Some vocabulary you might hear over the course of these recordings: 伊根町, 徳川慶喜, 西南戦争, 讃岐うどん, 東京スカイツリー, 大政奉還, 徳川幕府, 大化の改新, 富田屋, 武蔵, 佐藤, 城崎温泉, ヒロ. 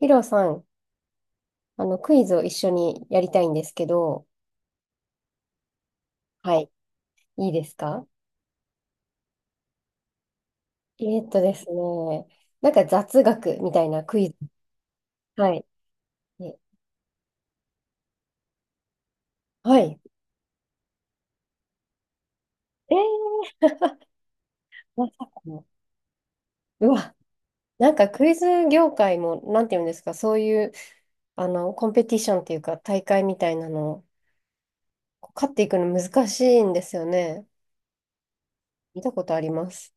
ヒロさん、クイズを一緒にやりたいんですけど、はい、いいですか？えーっとですね、なんか雑学みたいなクイズ。はい。え、はい。えー、まさかの。うわ、なんかクイズ業界も、なんていうんですか、そういう、コンペティションっていうか、大会みたいなの、こう勝っていくの難しいんですよね。見たことあります。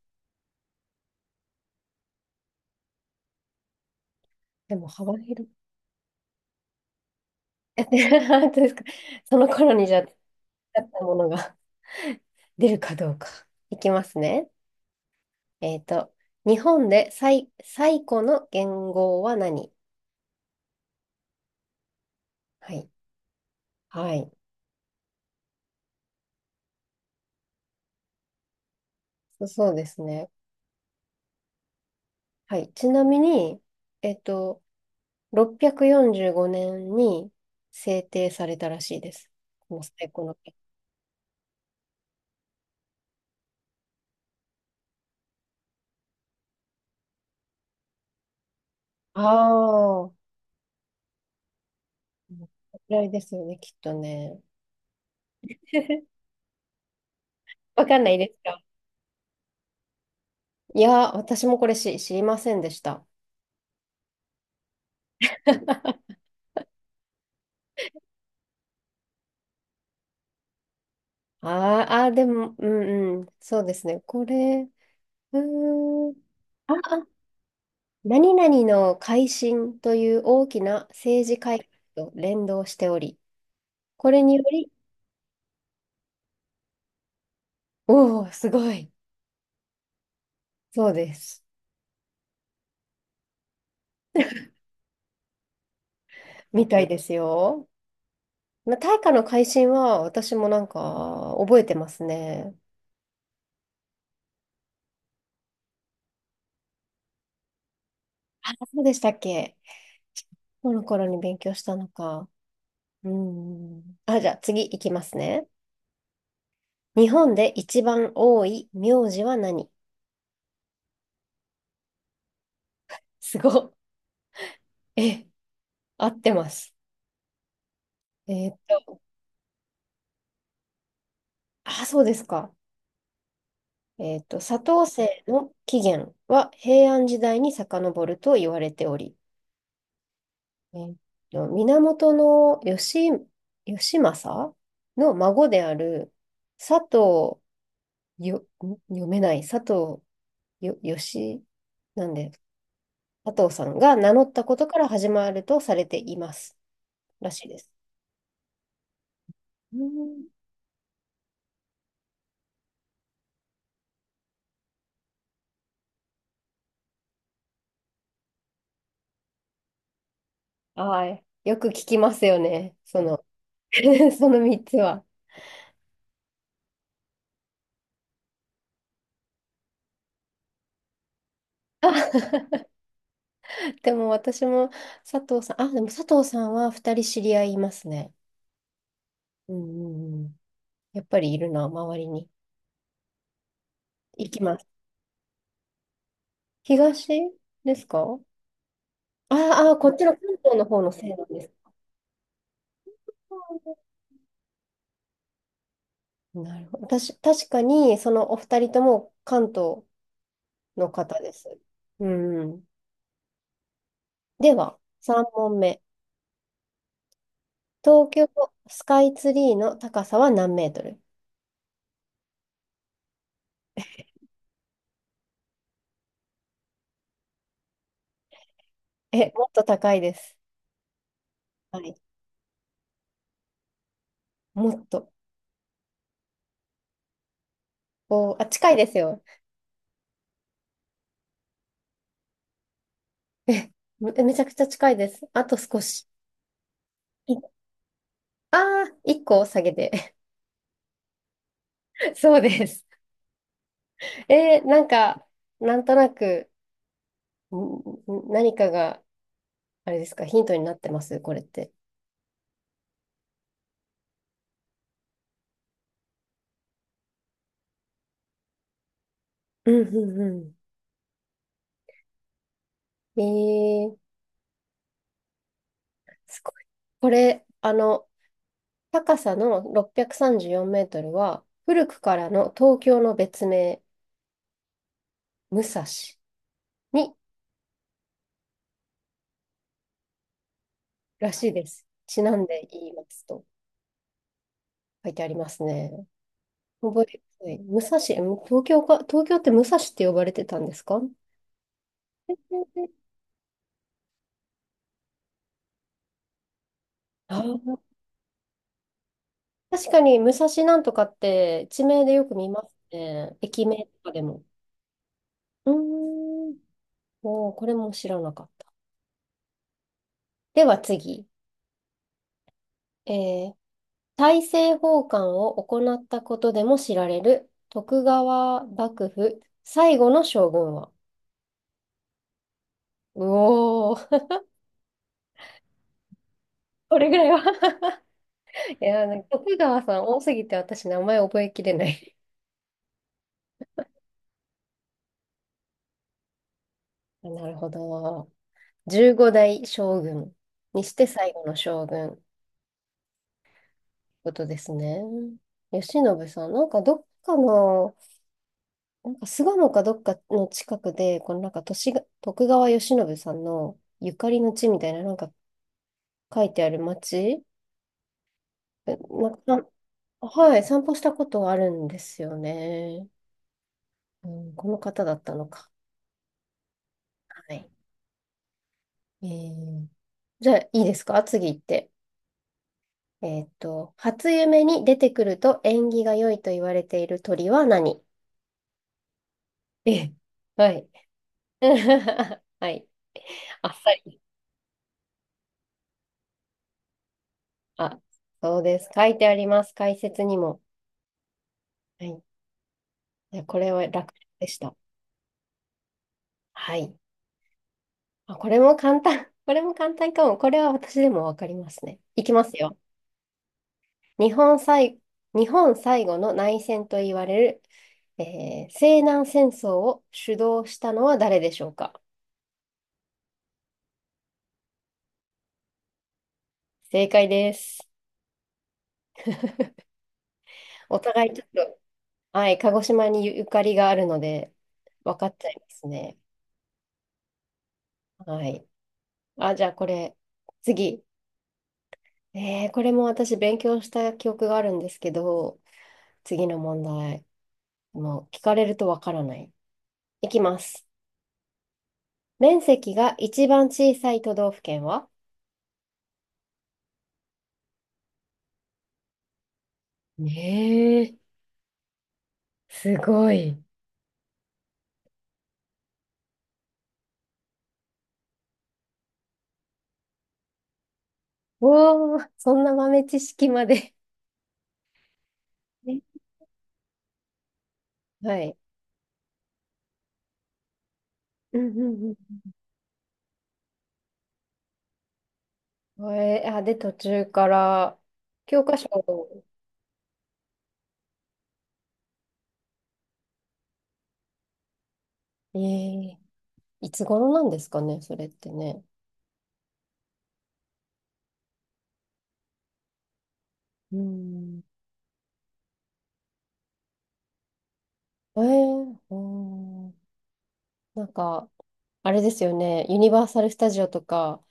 でも幅広い。え、本当ですか。その頃にじゃあ、だったものが 出るかどうか。いきますね。えっと、日本で最古の元号は何？はい。はい。そうですね。はい。ちなみに、えっと、645年に制定されたらしいです。この最古の元号。ああ、これらいですよね、きっとね。わかんないですか？いや、私もこれし知りませんでした。あーあー、でも、うんうん、そうですね。これ、うーん。あ、何々の改新という大きな政治改革と連動しており、これにより、おお、すごい、そうです。みたいですよ。まあ、大化の改新は私もなんか覚えてますね。あ、そうでしたっけ。この頃に勉強したのか。うん。あ、じゃあ次いきますね。日本で一番多い名字は何？すごっ。え、合ってます。えーっと、あ、そうですか。砂糖政の起源は平安時代に遡ると言われており、えっ源の義、義政の孫である佐藤よ、ん読めない佐藤よ、義、なんで、佐藤さんが名乗ったことから始まるとされていますらしいです。うん。はい。よく聞きますよね。その、その3つは。あ、でも私も佐藤さん、あ、でも佐藤さんは2人知り合いいますね。うんうんうん。やっぱりいるな、周りに。行きます。東ですか？ああ、こっちの関東の方のせいなんです。なるほど。私、確かに、そのお二人とも関東の方です。うん。では、3問目。東京スカイツリーの高さは何メートル？え、もっと高いです。はい。もっと。おー、あ、近いですよ。え、めちゃくちゃ近いです。あと少し。い、ああ、一個下げて。そうです。えーなんか、なんとなく、んん、何かが、あれですか、ヒントになってます、これって。うんうんうん。えー、すごい。これ、高さの634メートルは、古くからの東京の別名、武蔵に、らしいです。ちなんで言いますと書いてありますね。覚えやすい。武蔵、東京か、東京って武蔵って呼ばれてたんですか？あー、確かに武蔵なんとかって地名でよく見ますね。駅名とかでも。うーん。おー、これも知らなかった。では次。えー、大政奉還を行ったことでも知られる徳川幕府最後の将軍は？うおー、これぐらいは いや、なんか徳川さん多すぎて私名前覚えきれない。なるほど。15代将軍にして最後の将軍ってことですね。慶喜さん、なんかどっかの、なんか巣鴨かどっかの近くで、このなんか都市が、徳川慶喜さんのゆかりの地みたいな、なんか書いてある町、え、なんか、はい、散歩したことがあるんですよね。うん、この方だったのか。はい。えー、じゃあ、いいですか次行って。えーっと、初夢に出てくると縁起が良いと言われている鳥は何？ええ、はい。はい。あっさり。あ、そうです。書いてあります。解説にも。はい。いやこれは楽でした。はい。あ、これも簡単。これも簡単かも。これは私でもわかりますね。いきますよ。日本最、日本最後の内戦と言われる、えー西南戦争を主導したのは誰でしょうか？正解です。お互いちょっと、はい、鹿児島にゆかりがあるので、分かっちゃいますね。はい。あ、じゃあこれ、次。えー、これも私勉強した記憶があるんですけど、次の問題。もう聞かれるとわからない。いきます。面積が一番小さい都道府県は？ねえ、すごい。おー、そんな豆知識までね、 はい。うんうんうん。えー、あ、で、途中から、教科書を、えー、いつ頃なんですかね、それってね。うん。えー、うん、なんか、あれですよね、ユニバーサル・スタジオとか、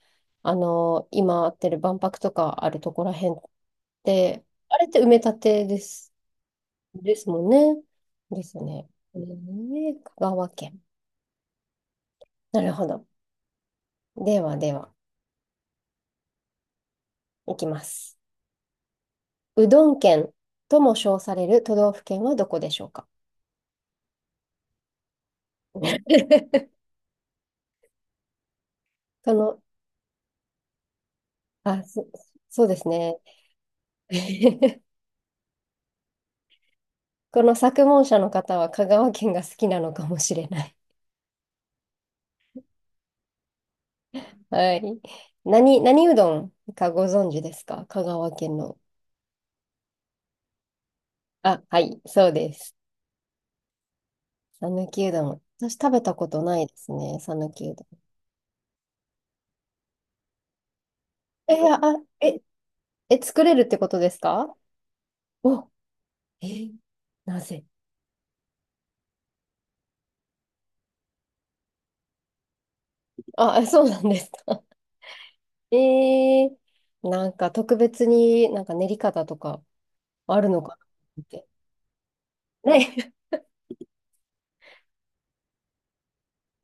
今あってる万博とかあるところらへんって、あれって埋め立てです、ですもんね。ですね。えー、香川県。なるほど。ではでは、いきます。うどん県とも称される都道府県はどこでしょうか？ この、あ、そ、そうですね。この作文者の方は香川県が好きなのかもしれない。はい。何、何うどんかご存知ですか香川県の。あ、はい、そうです。讃岐うどん。私食べたことないですね、讃岐うどん。え、あ、え、え、作れるってことですか？お、え、なぜ？あ、そうなんですか。えー、なんか特別になんか練り方とかあるのかなって。ね、